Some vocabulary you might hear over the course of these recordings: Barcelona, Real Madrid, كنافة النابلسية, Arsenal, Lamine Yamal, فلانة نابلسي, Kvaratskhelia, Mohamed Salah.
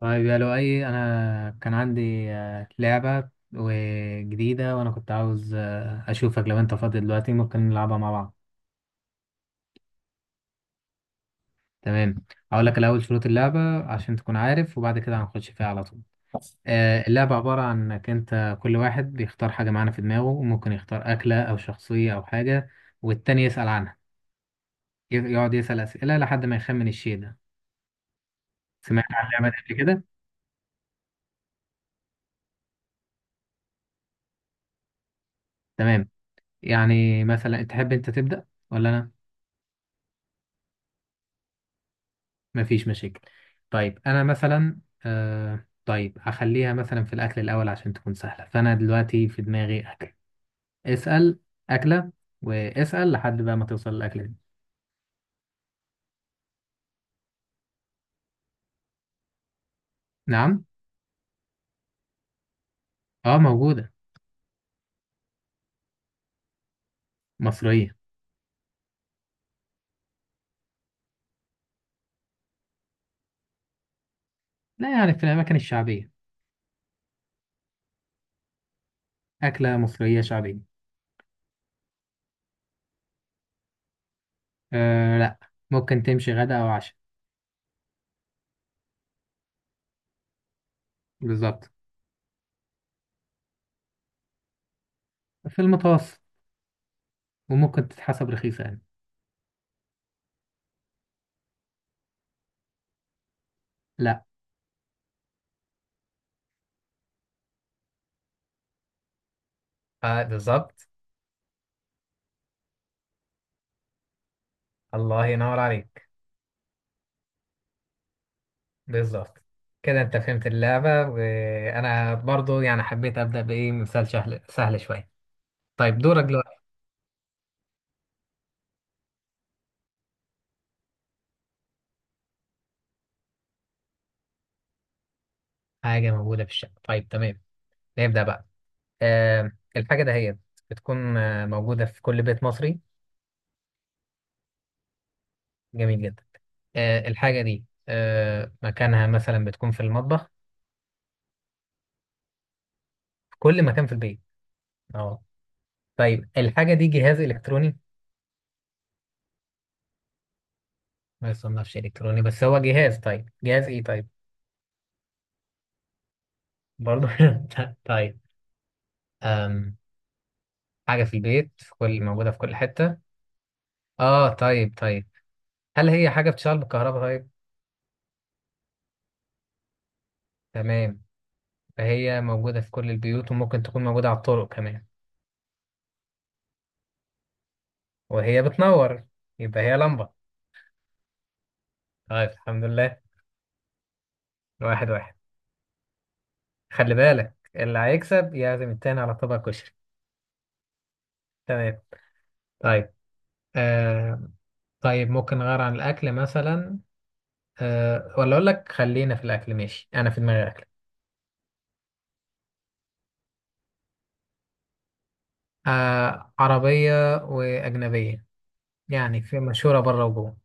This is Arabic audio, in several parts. طيب يا لؤي، انا كان عندي لعبة وجديدة، وانا كنت عاوز اشوفك. لو انت فاضي دلوقتي ممكن نلعبها مع بعض. تمام. هقول لك الاول شروط اللعبة عشان تكون عارف، وبعد كده هنخش فيها على طول. اللعبة عبارة عن انك انت كل واحد بيختار حاجة معانا في دماغه، وممكن يختار اكلة او شخصية او حاجة، والتاني يسأل عنها. يقعد يسأل اسئلة لحد ما يخمن الشيء ده. سمعت عن اللعبة دي قبل كده؟ تمام. يعني مثلا تحب انت تبدأ ولا انا؟ مفيش مشاكل. طيب انا مثلا، طيب هخليها مثلا في الاكل الاول عشان تكون سهله، فانا دلوقتي في دماغي اكل. اسال. اكله. واسال لحد بقى ما توصل الاكله دي. نعم. اه، موجوده. مصريه. لا، يعني في الاماكن الشعبيه. اكله مصريه شعبيه. لا، ممكن تمشي غدا او عشاء. بالظبط. في المتوسط، وممكن تتحسب رخيصه يعني. لا. بالظبط. الله ينور عليك. بالظبط. كده انت فهمت اللعبة، وانا برضو يعني حبيت ابدأ بايه مثال سهل سهل شوية. طيب دورك دلوقتي. حاجة موجودة في الشقة؟ طيب تمام، نبدأ بقى. آه الحاجة دهيت بتكون موجودة في كل بيت مصري؟ جميل جدا. الحاجة دي مكانها مثلا بتكون في المطبخ؟ في كل مكان في البيت. اه، طيب. الحاجة دي جهاز إلكتروني؟ ما يصنفش إلكتروني بس هو جهاز. طيب جهاز ايه طيب؟ برضو. طيب، آم، حاجة في البيت في كل موجودة في كل حتة. اه طيب طيب. هل هي حاجة بتشتغل بالكهرباء طيب؟ تمام. فهي موجودة في كل البيوت، وممكن تكون موجودة على الطرق كمان، وهي بتنور. يبقى هي لمبة. طيب الحمد لله. واحد واحد. خلي بالك اللي هيكسب يعزم التاني على طبق كشري. تمام. طيب. آه طيب ممكن نغير عن الأكل مثلا، ولا أقول لك خلينا في الأكل؟ ماشي، أنا في دماغي أكل. عربية وأجنبية، يعني في، مشهورة بره وجوه.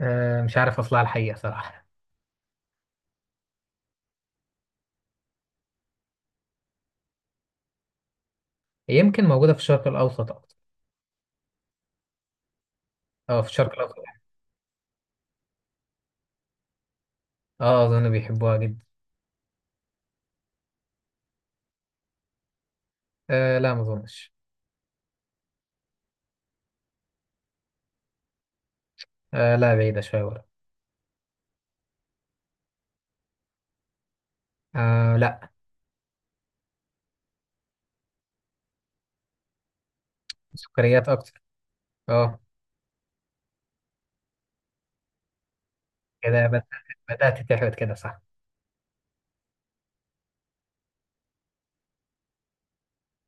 مش عارف أصلها الحقيقة صراحة. يمكن موجودة في الشرق الأوسط أكتر. أه، في الشرق الأوسط. أه، أظن بيحبوها جدا. أه لا، ما أظنش. أه لا، بعيدة شوية ورا. أه لا. سكريات أكتر. أه. كده بدأت تحبط كده صح؟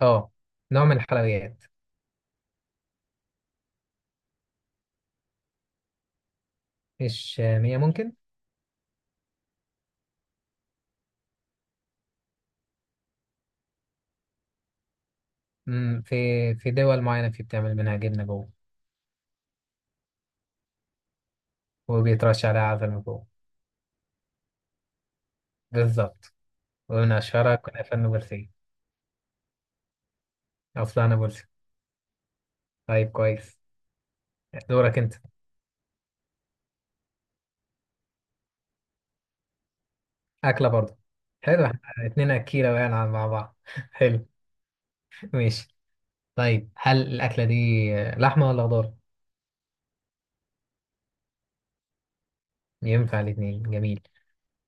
أه، نوع من الحلويات. مش مية ممكن. مم، في في دول معينة في بتعمل منها جبنة جوه. وبيترش عليها عسل من جوه. بالظبط. ومن أشهرها كنافة النابلسية. أو فلانة نابلسي. طيب كويس. دورك أنت. أكلة برضه؟ حلو، احنا اتنين أكيلة بقى مع بعض. حلو. ماشي. طيب هل الأكلة دي لحمة ولا خضار؟ ينفع الاتنين، جميل.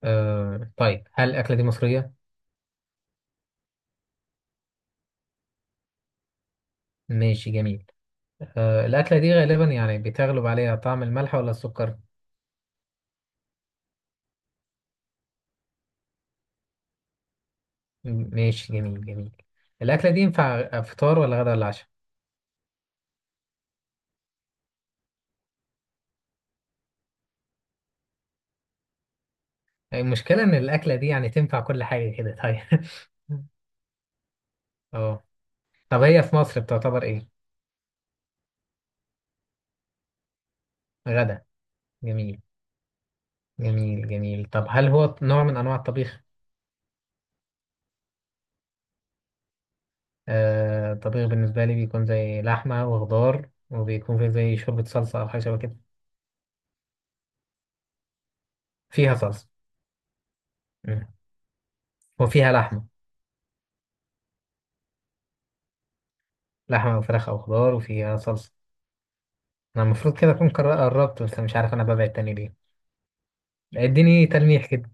طيب هل الأكلة دي مصرية؟ ماشي جميل. الأكلة دي غالبا يعني بتغلب عليها طعم الملح ولا السكر؟ ماشي جميل جميل. الأكلة دي ينفع فطار ولا غدا ولا عشاء؟ المشكلة إن الأكلة دي يعني تنفع كل حاجة كده، طيب. اه، طب هي في مصر بتعتبر إيه؟ غدا. جميل جميل جميل. طب هل هو نوع من أنواع الطبيخ؟ الطبيخ بالنسبة لي بيكون زي لحمة وخضار، وبيكون فيه زي شوربة صلصة أو حاجة شبه كده. فيها صلصة. مم. وفيها لحمة. لحمة وفراخ أو خضار وفيها صلصة. أنا المفروض كده أكون قربت، بس مش عارف أنا ببعد تاني ليه. اديني تلميح كده.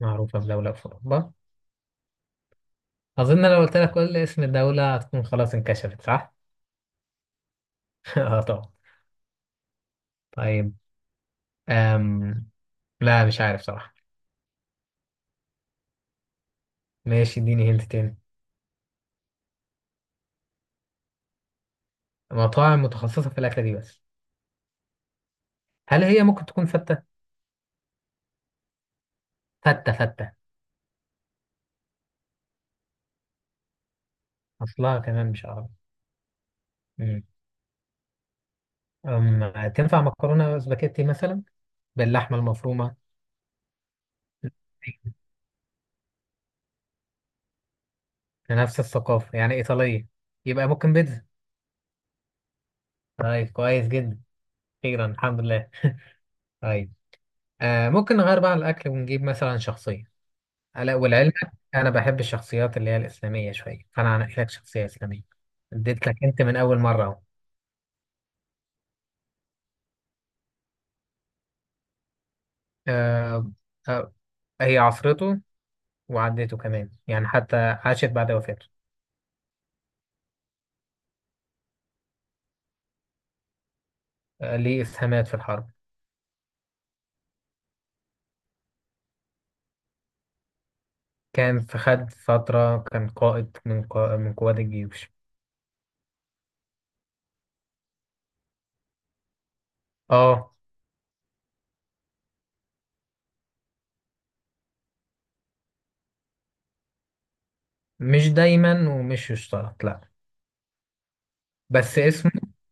معروفة بدولة في أوروبا؟ أظن لو قلت لك قول لي اسم الدولة هتكون خلاص انكشفت صح؟ اه طبعا. طيب، أم... لا مش عارف صراحة. ماشي، اديني هنت تاني. مطاعم متخصصة في الأكلة دي بس؟ هل هي ممكن تكون فتة؟ فتة فتة. أصلها كمان مش عربي. مم. تنفع مكرونة سباكيتي مثلا باللحمة المفرومة؟ نفس الثقافة يعني إيطالية. يبقى ممكن بيتزا؟ طيب كويس جدا. أخيرا الحمد لله. طيب، ممكن نغير بقى الأكل ونجيب مثلا شخصية. ألا والعلم. أنا بحب الشخصيات اللي هي الإسلامية شوية، فأنا هنقي لك شخصية إسلامية. اديت لك أنت من أول مرة أهو. آه. آه. هي عصرته وعدته كمان، يعني حتى عاشت بعد وفاته. ليه إسهامات في الحرب. كان في خد فترة، كان قائد من قوات الجيوش. اه، مش دايما ومش يشترط لا. بس اسمه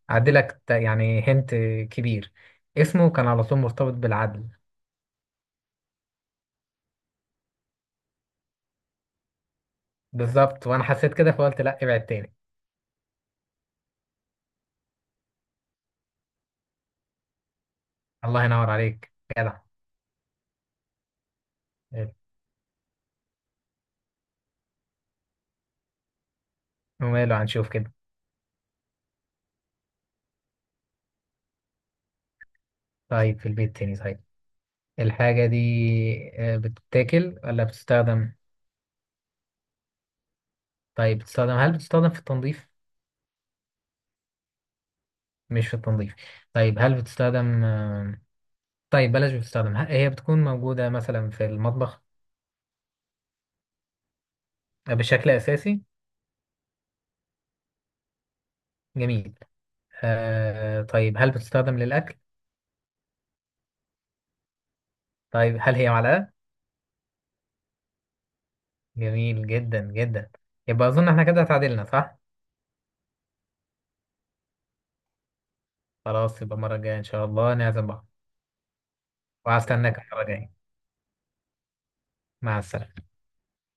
عدلك، يعني هنت كبير. اسمه كان على طول مرتبط بالعدل. بالظبط، وانا حسيت كده فقلت لا، ابعد تاني. الله ينور عليك. جدع. وماله، هنشوف كده. طيب، في البيت تاني طيب. الحاجة دي بتتاكل ولا بتستخدم؟ طيب بتستخدم. هل بتستخدم في التنظيف؟ مش في التنظيف. طيب هل بتستخدم طيب بلاش. بتستخدم هي بتكون موجودة مثلا في المطبخ؟ بشكل أساسي. جميل. طيب هل بتستخدم للأكل؟ طيب هل هي معلقة؟ جميل جدا جدا. يبقى أظن احنا كده تعادلنا صح؟ خلاص، يبقى المرة الجاية إن شاء الله نعزم بعض. وهستناك المرة الجاية. مع السلامة.